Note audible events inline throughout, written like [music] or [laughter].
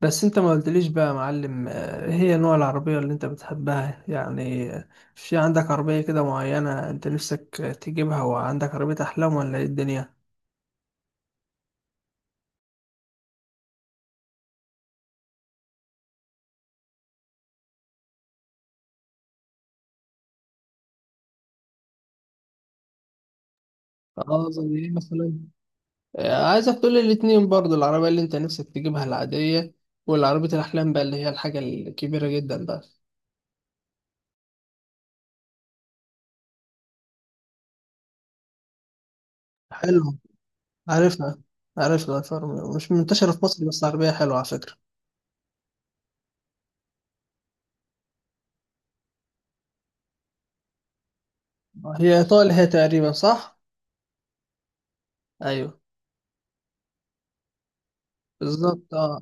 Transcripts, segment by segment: بس انت ما قلتليش بقى يا معلم، هي نوع العربية اللي انت بتحبها يعني، في عندك عربية كده معينة انت نفسك تجيبها، وعندك عربية احلام ولا ايه الدنيا؟ اه، زي ايه مثلا؟ عايزك تقولي الاتنين برضو، العربية اللي انت نفسك تجيبها العادية والعربية الأحلام بقى اللي هي الحاجة الكبيرة جدا بقى. حلو. عارفها. عارفها، الفورمولا مش منتشرة في مصر، بس عربية حلوة على فكرة. هي إيطالي هي تقريبا صح؟ أيوه، بالظبط، اه.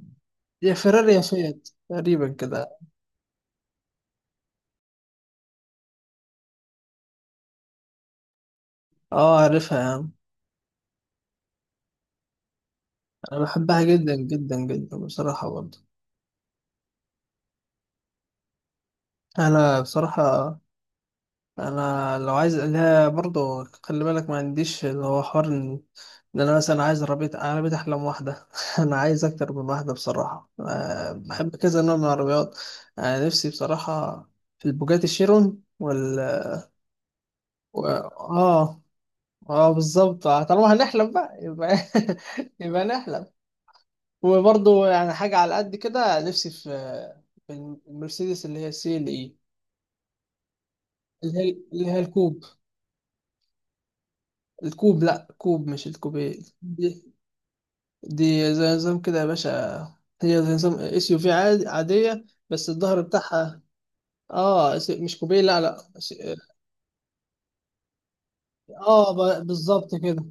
هي فيراري يا فيات تقريبا كده. اه، عارفها يا عم. انا بحبها جدا جدا جدا بصراحة برضه. انا بصراحة انا لو عايز لها برضه خلي بالك، ما عنديش اللي هو حوار إن انا مثلا عايز عربية احلام واحدة، [laughs] انا عايز اكتر من واحدة بصراحة، بحب كذا نوع من العربيات. انا نفسي بصراحة في البوجاتي شيرون اه. اه، بالظبط، طالما هنحلم بقى يبقى [laughs] يبقى نحلم. وبرضه يعني حاجة على قد كده نفسي في المرسيدس اللي هي السي ال اي. اللي هي الكوب، لا، كوب، مش الكوبيه دي. دي زي نظام كده يا باشا، هي زي نظام اس يو في عادية بس الظهر بتاعها. اه، مش كوبيه، لا لا، اه، بالظبط كده،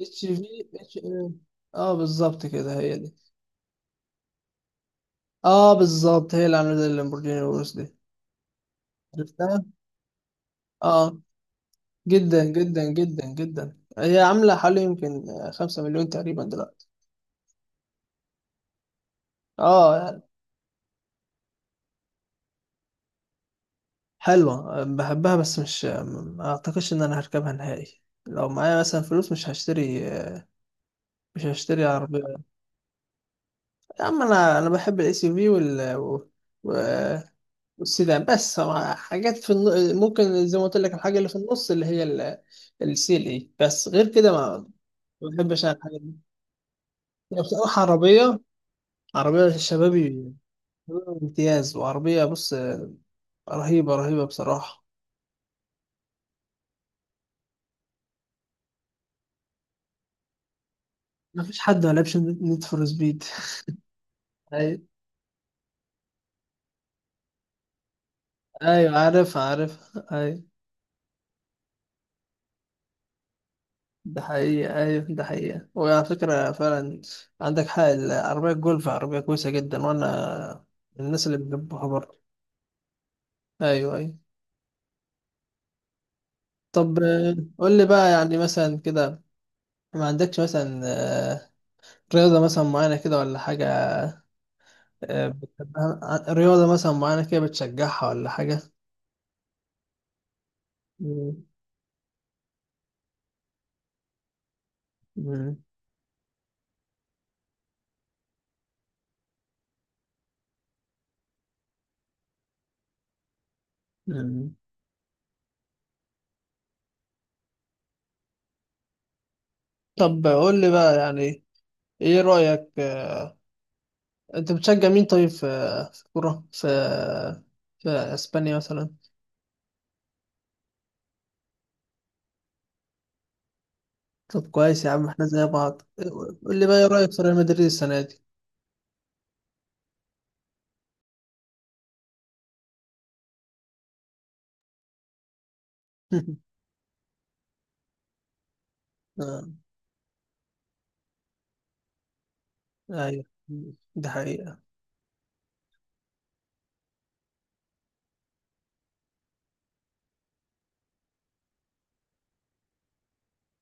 اتش في اتش، اه. آه، بالظبط كده هي دي. اه، بالظبط هي اللي عاملة زي اللامبورجيني الورس دي. عرفتها؟ اه، جدا جدا جدا جدا، هي عاملة حوالي يمكن 5 مليون تقريبا دلوقتي. اه، يعني حلوة، بحبها، بس مش، ما اعتقدش ان انا هركبها نهائي. لو معايا مثلا فلوس مش هشتري، مش هشتري عربية. يا عم انا بحب الاس يو في والسيدان بس. حاجات في ممكن زي ما قلت لك، الحاجة اللي في النص اللي هي السي ال اي، بس غير كده ما بحبش أنا الحاجات دي. لو بصراحة، عربية الشباب امتياز، وعربية بص رهيبة رهيبة بصراحة. مفيش حد ما لعبش نيد فور سبيد. أيوة أيوة، عارف عارف، أيوة. ده حقيقة، أيوة، ده حقيقة، وعلى فكرة فعلا عندك حق، العربية الجولف عربية كويسة جدا، وأنا من الناس اللي بيحبوها برضه. أيوة أيوة. طب قول لي بقى يعني مثلا كده، ما عندكش مثلا رياضة مثلا معينة كده ولا حاجة، بتحبها، رياضة مثلا معينة كده بتشجعها ولا حاجة؟ مم. مم. مم. طب قول لي بقى يعني ايه رأيك، انت بتشجع مين طيب في، في كرة، في اسبانيا مثلا؟ طب كويس يا عم، احنا زي بعض. قول لي بقى ايه رأيك في ريال مدريد السنة دي؟ [laughs] آه، ايوه، دي حقيقة.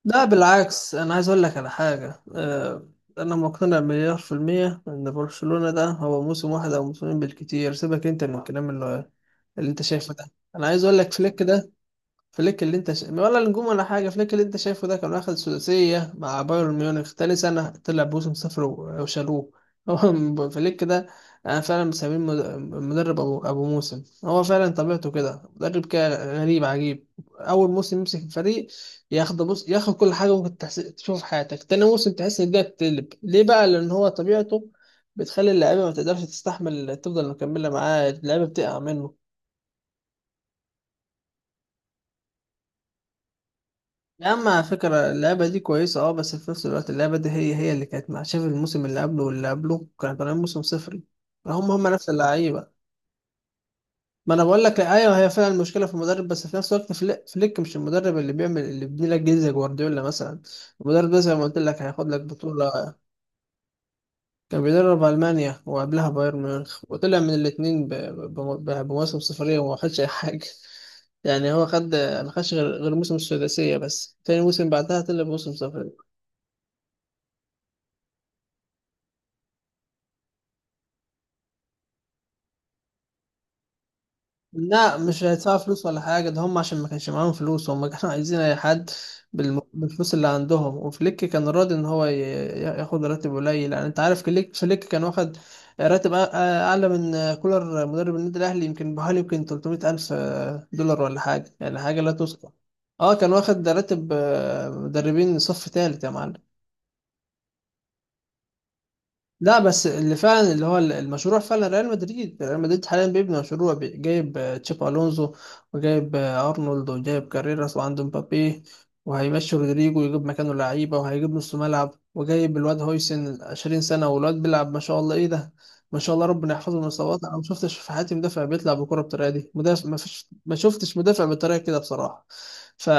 لا بالعكس، انا عايز اقول لك على حاجة، انا مقتنع مليار في المية ان برشلونة ده هو موسم واحد او موسمين بالكتير، سيبك انت من الكلام اللي اللي انت شايفه ده. انا عايز اقول لك، فليك ده، فليك اللي انت شا... ولا نجوم ولا حاجه، فليك اللي انت شايفه ده كان واخد ثلاثيه مع بايرن ميونخ، تاني سنه طلع بوسم صفر وشالوه. هو [laughs] فليك ده انا فعلا مسميه مدرب ابو موسم. هو فعلا طبيعته كده، مدرب كده غريب عجيب، اول موسم يمسك الفريق ياخد، بص ياخد كل حاجه ممكن تشوف في حياتك، تاني موسم تحس ان الدنيا بتقلب. ليه بقى؟ لان هو طبيعته بتخلي اللعيبه ما تقدرش تستحمل تفضل مكمله معاه، اللعيبه بتقع منه. يا عم على فكرة اللعبة دي كويسة، اه، بس في نفس الوقت اللعبة دي هي اللي كانت مع، شايف الموسم اللي قبله واللي قبله كانوا طالعين موسم صفري؟ هم نفس اللعيبة. ما انا بقول لك ايوه، هي فعلا المشكلة في المدرب، بس في نفس الوقت فليك مش المدرب اللي بيعمل، اللي بيبني لك جيل زي جوارديولا مثلا. المدرب ده زي ما قلت لك هياخد لك بطولة. كان بيدرب ألمانيا وقبلها بايرن ميونخ، وطلع من الاتنين بمواسم صفرية وما خدش أي حاجة. [laughs] يعني هو خد، ما خدش غير موسم السداسية، بس تاني موسم بعدها طلع بموسم صفر. لا مش هيدفعوا فلوس ولا حاجة، ده هم عشان ما كانش معاهم فلوس هم كانوا [laughs] عايزين أي حد بالفلوس اللي عندهم، وفليك كان راضي إن هو ياخد راتب قليل. يعني أنت عارف فليك كان واخد راتب أعلى من كولر مدرب النادي الأهلي، يمكن بحوالي يمكن 300 ألف دولار ولا حاجة، يعني حاجة لا تذكر. أه كان واخد راتب مدربين صف تالت يا معلم. لا بس اللي فعلا اللي هو المشروع فعلا، ريال مدريد حاليا بيبني مشروع، جايب تشابي الونزو، وجايب ارنولد، وجايب كاريراس، وعنده مبابي، وهيمشي رودريجو ويجيب مكانه لعيبه، وهيجيب نص ملعب، وجايب الواد هويسن 20 سنه والواد بيلعب ما شاء الله، ايه ده، ما شاء الله ربنا يحفظه من الاصابات. انا ما شفتش في حياتي مدافع بيطلع بالكره بالطريقه دي، مدافع، ما فيش، ما شفتش مدافع بالطريقه كده بصراحه. ف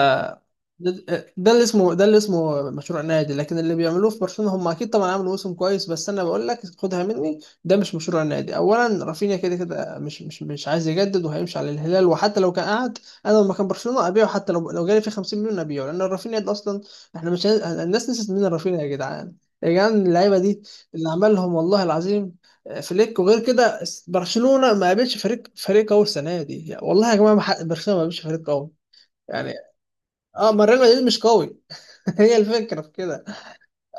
ده، ده اللي اسمه مشروع نادي. لكن اللي بيعملوه في برشلونة هم اكيد طبعا عملوا موسم كويس، بس انا بقول لك، خدها مني، ده مش مشروع نادي. اولا رافينيا كده كده مش عايز يجدد وهيمشي على الهلال، وحتى لو كان قعد انا لما كان برشلونة ابيعه، حتى لو جالي فيه 50 مليون ابيعه، لان رافينيا ده اصلا، احنا مش عايز- الناس نسيت مين رافينيا يا جدعان. يا جدعان اللعيبه دي اللي عملهم والله العظيم فليك. وغير كده، برشلونة ما قابلش فريق قوي السنه دي والله يا جماعه، ما حق- برشلونة ما قابلش فريق قوي يعني. اه، ما ريال مدريد مش قوي؟ هي الفكرة في كده.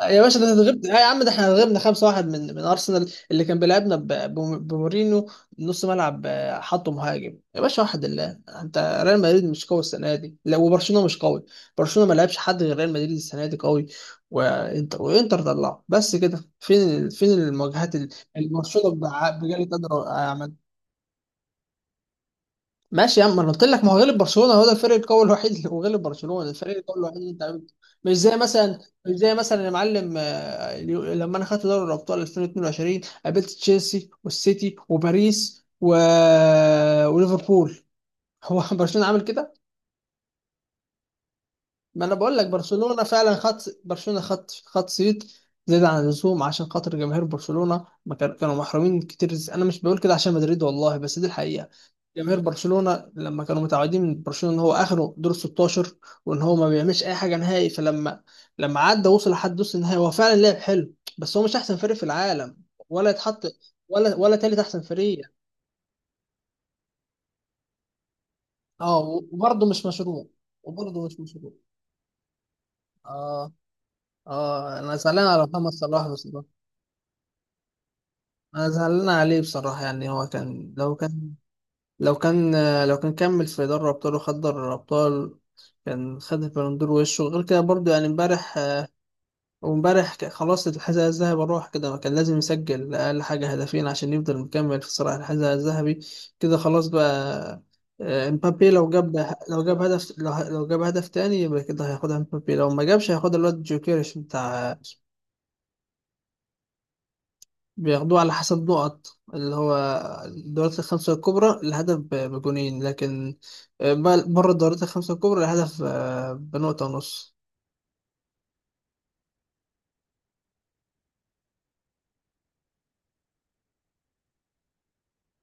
يا باشا ده اتغبنا يا عم، ده احنا اتغبنا 5-1 من ارسنال اللي كان بيلعبنا بمورينو نص ملعب، حطه مهاجم يا باشا وحد الله انت. ريال مدريد مش قوي السنة دي، لا، وبرشلونة مش قوي. برشلونة ما لعبش حد غير ريال مدريد السنة دي قوي، وانتر طلعه بس. كده فين فين المواجهات اللي برشلونة بجلد قدر؟ ماشي يا عم انا قلت لك، ما هو غلب برشلونه، هو ده الفريق القوي الوحيد اللي، وغلب برشلونه الفريق القوي الوحيد اللي انت عملته. مش زي مثلا مش زي مثلا يا معلم، لما انا خدت دوري الابطال 2022، قابلت تشيلسي والسيتي وباريس وليفربول. هو [laughs] برشلونه عامل كده؟ ما انا بقول لك، برشلونه فعلا خط، برشلونه خط صيت زيادة عن اللزوم، عشان خاطر جماهير برشلونة ما كان- كانوا محرومين كتير، أنا مش بقول كده عشان مدريد والله، بس دي الحقيقة. جماهير برشلونة لما كانوا متعودين من برشلونة إن هو آخره دور 16، وإن هو ما بيعملش أي حاجة نهائي، لما عدى وصل لحد نص النهائي، هو فعلا لعب حلو، بس هو مش أحسن فريق في العالم ولا يتحط ولا تالت أحسن فريق. أه. وبرضه مش مشروع وبرضه مش مشروع. أه أه، أنا زعلان على محمد صلاح بس. أنا زعلان عليه بصراحة، يعني هو كان، لو كان، لو كان لو كان كمل في دوري أبطال وخد دوري الأبطال كان خد البالون دور وشه. غير كده برضه يعني امبارح، وامبارح خلاص الحذاء الذهبي راح كده، ما كان لازم يسجل أقل حاجة هدفين عشان يفضل مكمل في صراع الحذاء الذهبي، كده خلاص بقى. امبابي لو جاب هدف لو جاب هدف تاني، يبقى كده هياخدها امبابي. لو ما جابش هياخدها الواد جوكيريش. بياخدوه على حسب نقط، اللي هو الدورات الخمسة الكبرى الهدف بجونين، لكن بره الدورات الخمسة الكبرى الهدف بنقطة ونص.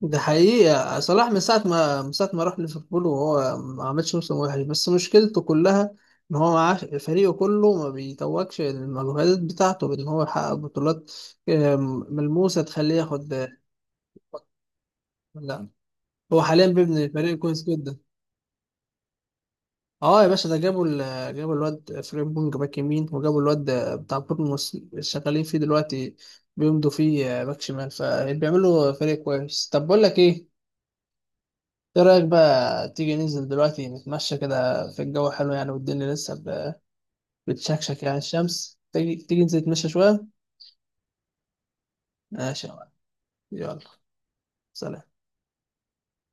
ده حقيقة، صلاح من ساعة ما راح ليفربول وهو ما عملش موسم وحش، بس مشكلته كلها إن هو، معاه فريقه كله ما بيتوجش المجهودات بتاعته بإن هو يحقق بطولات آه، ملموسة تخليه ياخد لا، هو حاليا بيبني فريق كويس جدا. اه يا باشا، ده جابوا جابوا الواد فريمبونج باك يمين، وجابوا الواد بتاع بورنموث اللي شغالين فيه دلوقتي بيمضوا فيه باك شمال، فبيعملوا فريق كويس. طب بقول لك ايه، ايه رايك بقى تيجي ننزل دلوقتي نتمشى كده، في الجو حلو يعني والدنيا لسه بتشكشك يعني الشمس، تيجي، تيجي ننزل نتمشى شويه؟ ماشي يا معلم. يلا. سلام.